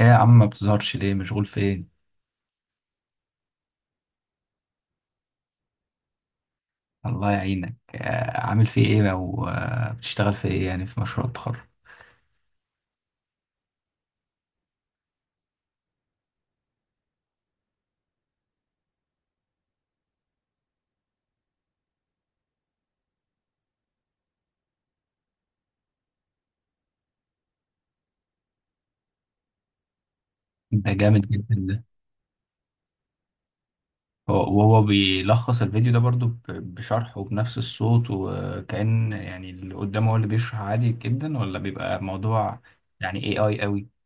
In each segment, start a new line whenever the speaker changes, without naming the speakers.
ايه يا عم، ما بتظهرش ليه؟ مشغول في ايه؟ الله يعينك. عامل في ايه؟ او بتشتغل في ايه يعني في مشروع التخرج؟ ده جامد جدا ده. وهو بيلخص الفيديو ده برضو بشرح وبنفس الصوت، وكأن يعني اللي قدامه هو اللي بيشرح عادي جدا، ولا بيبقى موضوع يعني اي قوي؟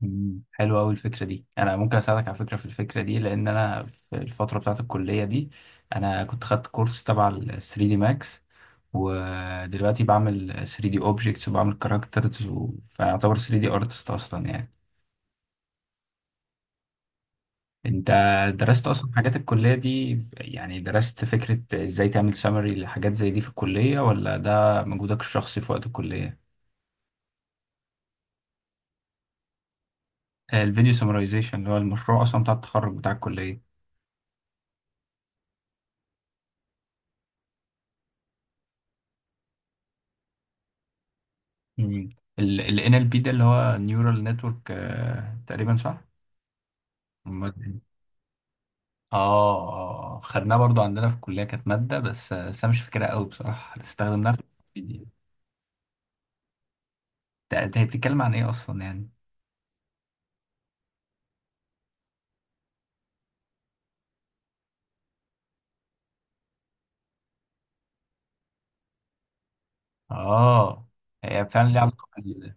حلوة قوي الفكرة دي. انا ممكن اساعدك على فكرة في الفكرة دي، لان انا في الفترة بتاعت الكلية دي انا كنت خدت كورس تبع ال 3 دي ماكس، ودلوقتي بعمل 3 دي اوبجكتس وبعمل كاركترز. فاعتبر 3 دي ارتست اصلا يعني. انت درست اصلا حاجات الكلية دي؟ يعني درست فكرة ازاي تعمل سمري لحاجات زي دي في الكلية، ولا ده مجهودك الشخصي في وقت الكلية؟ الفيديو سمرايزيشن، اللي هو المشروع اصلا بتاع التخرج بتاع الكلية. مم. ال NLP ده اللي هو نيورال نتورك تقريبا، صح؟ المادة. اه اه، آه. خدناه برضو عندنا في الكلية، كانت مادة، بس بس انا مش فاكرها قوي بصراحة، استخدمناها في الفيديو. انت هي بتتكلم عن ايه اصلا يعني؟ اه. هي فعلا ليها علاقة.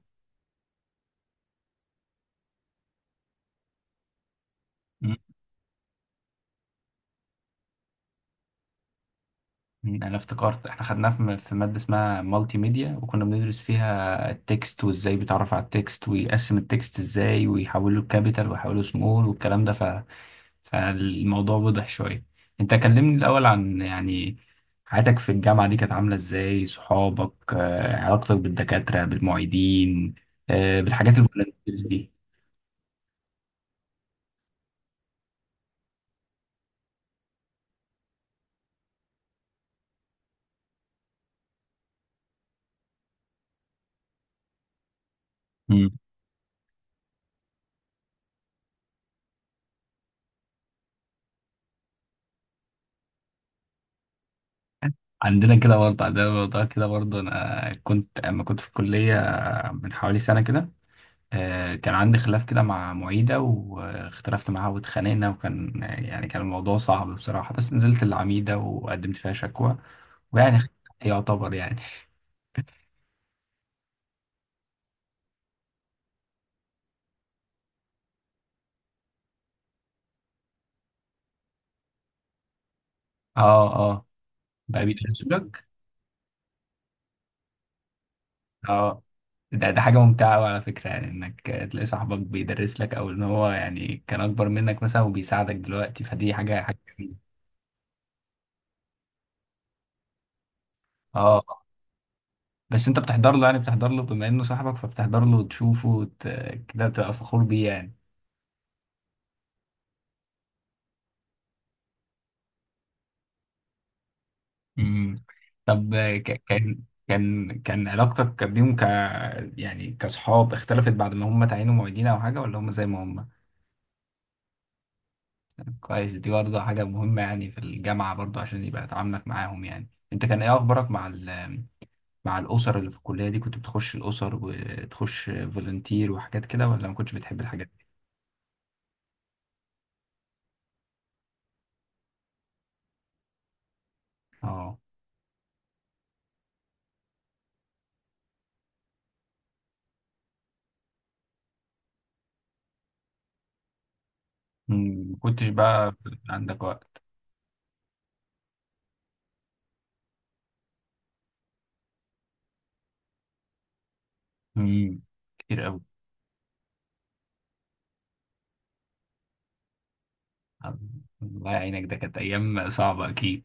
انا افتكرت احنا خدناها في في ماده اسمها مالتي ميديا، وكنا بندرس فيها التكست وازاي بيتعرف على التكست، ويقسم التكست ازاي، ويحوله لكابيتال ويحوله سمول، والكلام ده فالموضوع وضح شويه. انت كلمني الاول عن يعني حياتك في الجامعه دي، كانت عامله ازاي؟ صحابك، علاقتك بالدكاتره بالمعيدين، بالحاجات الفولنتيرز دي. مم. عندنا كده برضه، عندنا الموضوع كده برضه. انا كنت اما كنت في الكليه من حوالي سنه كده، كان عندي خلاف كده مع معيدة، واختلفت معاها واتخانقنا، وكان يعني كان الموضوع صعب بصراحة، بس نزلت العميدة وقدمت فيها شكوى، ويعني يعتبر يعني. اه اه. بقى بيدرس لك؟ اه. ده حاجة ممتعة أوي على فكرة، يعني انك تلاقي صاحبك بيدرس لك، او ان هو يعني كان اكبر منك مثلا وبيساعدك دلوقتي، فدي حاجة جميلة. اه، بس انت بتحضر له، يعني بتحضر له بما انه صاحبك، فبتحضر له وتشوفه. كده تبقى فخور بيه يعني. مم. طب كان علاقتك بيهم يعني كصحاب، اختلفت بعد ما هم تعينوا معيدين او حاجه، ولا هم زي ما هم؟ كويس، دي برضه حاجه مهمه يعني في الجامعه برضه، عشان يبقى تعاملك معاهم. يعني انت كان ايه اخبارك مع مع الاسر اللي في الكليه دي؟ كنت بتخش الاسر وتخش فولنتير وحاجات كده، ولا ما كنتش بتحب الحاجات دي؟ اه. مم. ما كنتش بقى عندك وقت. مم. كتير قوي. الله يعينك، ده كانت ايام صعبه اكيد.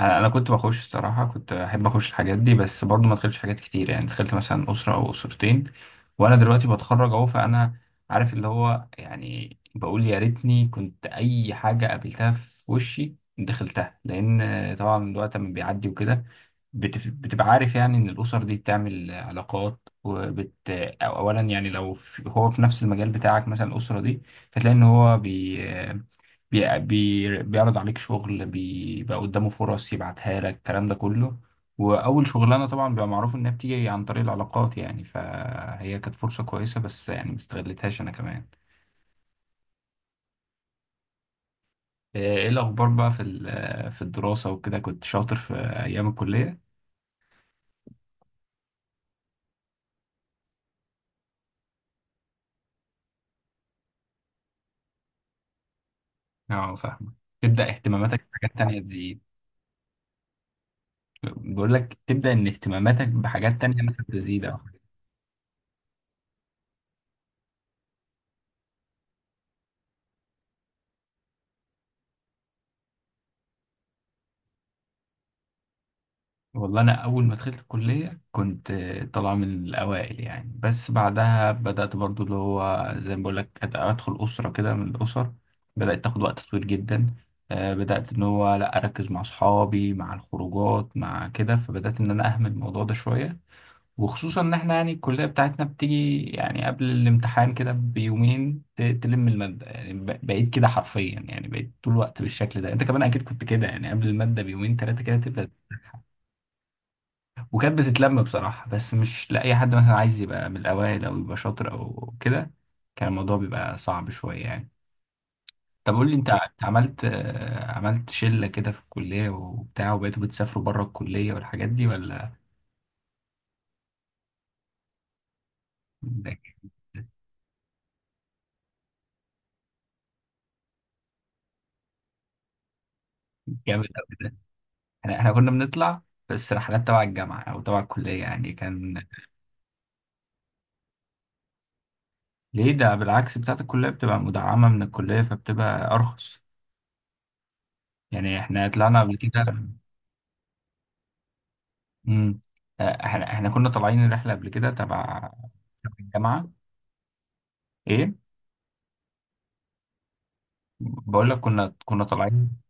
انا كنت بخش الصراحه، كنت احب اخش الحاجات دي، بس برضو ما دخلتش حاجات كتير. يعني دخلت مثلا اسره او اسرتين، وانا دلوقتي بتخرج اهو، فانا عارف اللي هو يعني، بقول يا ريتني كنت اي حاجه قابلتها في وشي دخلتها، لان طبعا الوقت لما بيعدي وكده، بتبقى عارف يعني ان الاسر دي بتعمل علاقات وبت، أو اولا يعني لو هو في نفس المجال بتاعك مثلا الاسره دي، فتلاقي ان هو بي بيعرض عليك شغل، بيبقى قدامه فرص يبعتها لك، الكلام ده كله. وأول شغلانة طبعا بيبقى معروف إنها بتيجي عن طريق العلاقات يعني، فهي كانت فرصة كويسة، بس يعني ما استغلتهاش أنا كمان. إيه الأخبار بقى في في الدراسة وكده، كنت شاطر في أيام الكلية؟ أه فاهمة. تبدأ اهتماماتك بحاجات تانية تزيد. بقول لك تبدأ إن اهتماماتك بحاجات تانية مثلا تزيد. والله انا اول ما دخلت الكليه كنت طالع من الاوائل يعني، بس بعدها بدات برضو، اللي هو زي ما بقول لك، ادخل اسره كده من الاسر، بدات تاخد وقت طويل جدا. بدات ان هو لا اركز مع اصحابي مع الخروجات مع كده، فبدات ان انا اهمل الموضوع ده شويه. وخصوصا ان احنا يعني الكليه بتاعتنا بتيجي يعني قبل الامتحان كده بيومين تلم الماده يعني، بقيت كده حرفيا يعني، بقيت طول الوقت بالشكل ده. انت كمان اكيد كنت كده يعني، قبل الماده بيومين ثلاثه كده تبدا. وكانت بتتلم بصراحة، بس مش لأي حد مثلا عايز يبقى من الأوائل أو يبقى شاطر أو كده. كان الموضوع بيبقى صعب شوية يعني. طب قول لي، أنت عملت عملت شلة كده في الكلية وبتاع، وبقيتوا بتسافروا بره الكلية والحاجات دي ولا؟ ده كان جامد أوي ده. إحنا كنا بنطلع بس رحلات تبع الجامعة أو تبع الكلية يعني، كان ليه ده؟ بالعكس، بتاعت الكلية بتبقى مدعمة من الكلية فبتبقى أرخص. يعني إحنا طلعنا قبل كده. امم احنا كنا طالعين رحله قبل كده تبع الجامعه. ايه؟ بقول لك كنا طالعين.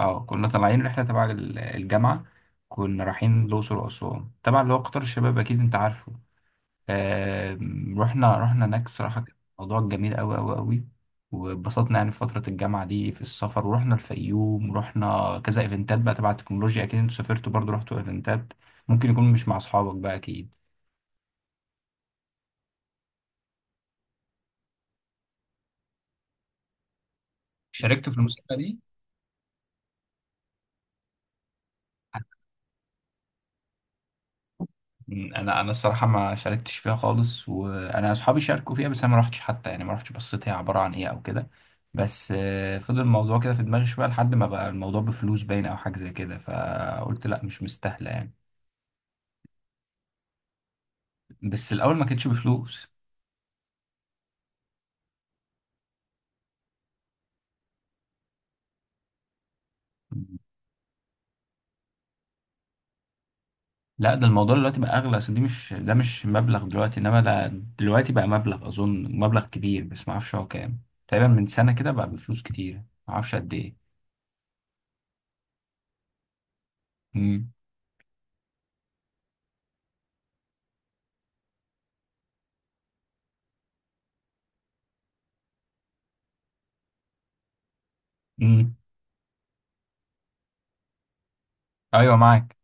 اه، كنا طالعين رحله تبع الجامعه، كنا رايحين الاقصر واسوان، تبع اللي هو قطار الشباب، اكيد انت عارفه. رحنا هناك، صراحه كان الموضوع جميل قوي قوي قوي، واتبسطنا يعني في فتره الجامعه دي في السفر، ورحنا الفيوم، ورحنا كذا ايفنتات بقى تبع التكنولوجيا. اكيد انتوا سافرتوا برضو، رحتوا ايفنتات، ممكن يكون مش مع اصحابك بقى اكيد. شاركتوا في المسابقه دي؟ انا الصراحه ما شاركتش فيها خالص، وانا اصحابي شاركوا فيها، بس انا ما رحتش حتى يعني، ما رحتش بصيت هي عباره عن ايه او كده. بس فضل الموضوع كده في دماغي شويه، لحد ما بقى الموضوع بفلوس باين او حاجه زي كده، فقلت لا مش مستاهله يعني. بس الاول ما كانتش بفلوس. لا ده الموضوع دلوقتي بقى اغلى، اصل دي مش، ده مش مبلغ دلوقتي، انما ده دلوقتي بقى مبلغ، اظن مبلغ كبير بس ما اعرفش هو كام. تقريبا من سنه كده بقى بفلوس كتير، ما اعرفش قد ايه. امم امم ايوه معاك.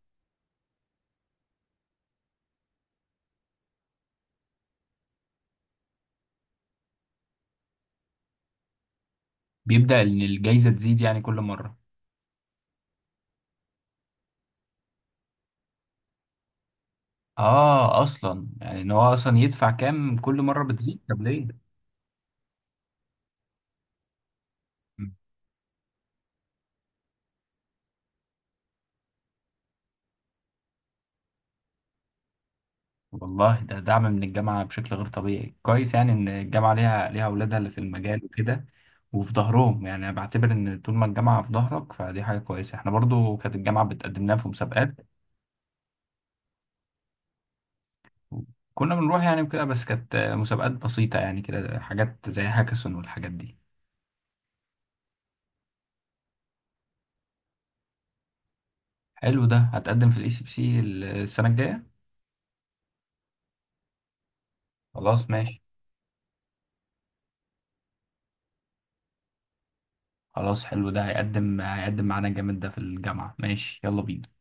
بيبدأ ان الجايزة تزيد يعني كل مرة. اه، اصلا يعني ان هو اصلا يدفع كام، كل مرة بتزيد طب ليه؟ مم. والله ده دعم من الجامعة بشكل غير طبيعي. كويس يعني ان الجامعة ليها اولادها اللي في المجال وكده، وفي ظهرهم. يعني انا بعتبر ان طول ما الجامعة في ظهرك فدي حاجة كويسة. احنا برضو كانت الجامعة بتقدم لنا في مسابقات، كنا بنروح يعني وكده، بس كانت مسابقات بسيطة يعني كده، حاجات زي هاكاثون والحاجات دي. حلو ده، هتقدم في الاي سي بي سي السنة الجاية. خلاص ماشي. خلاص حلو، ده هيقدم معانا جامد ده في الجامعة. ماشي، يلا بينا.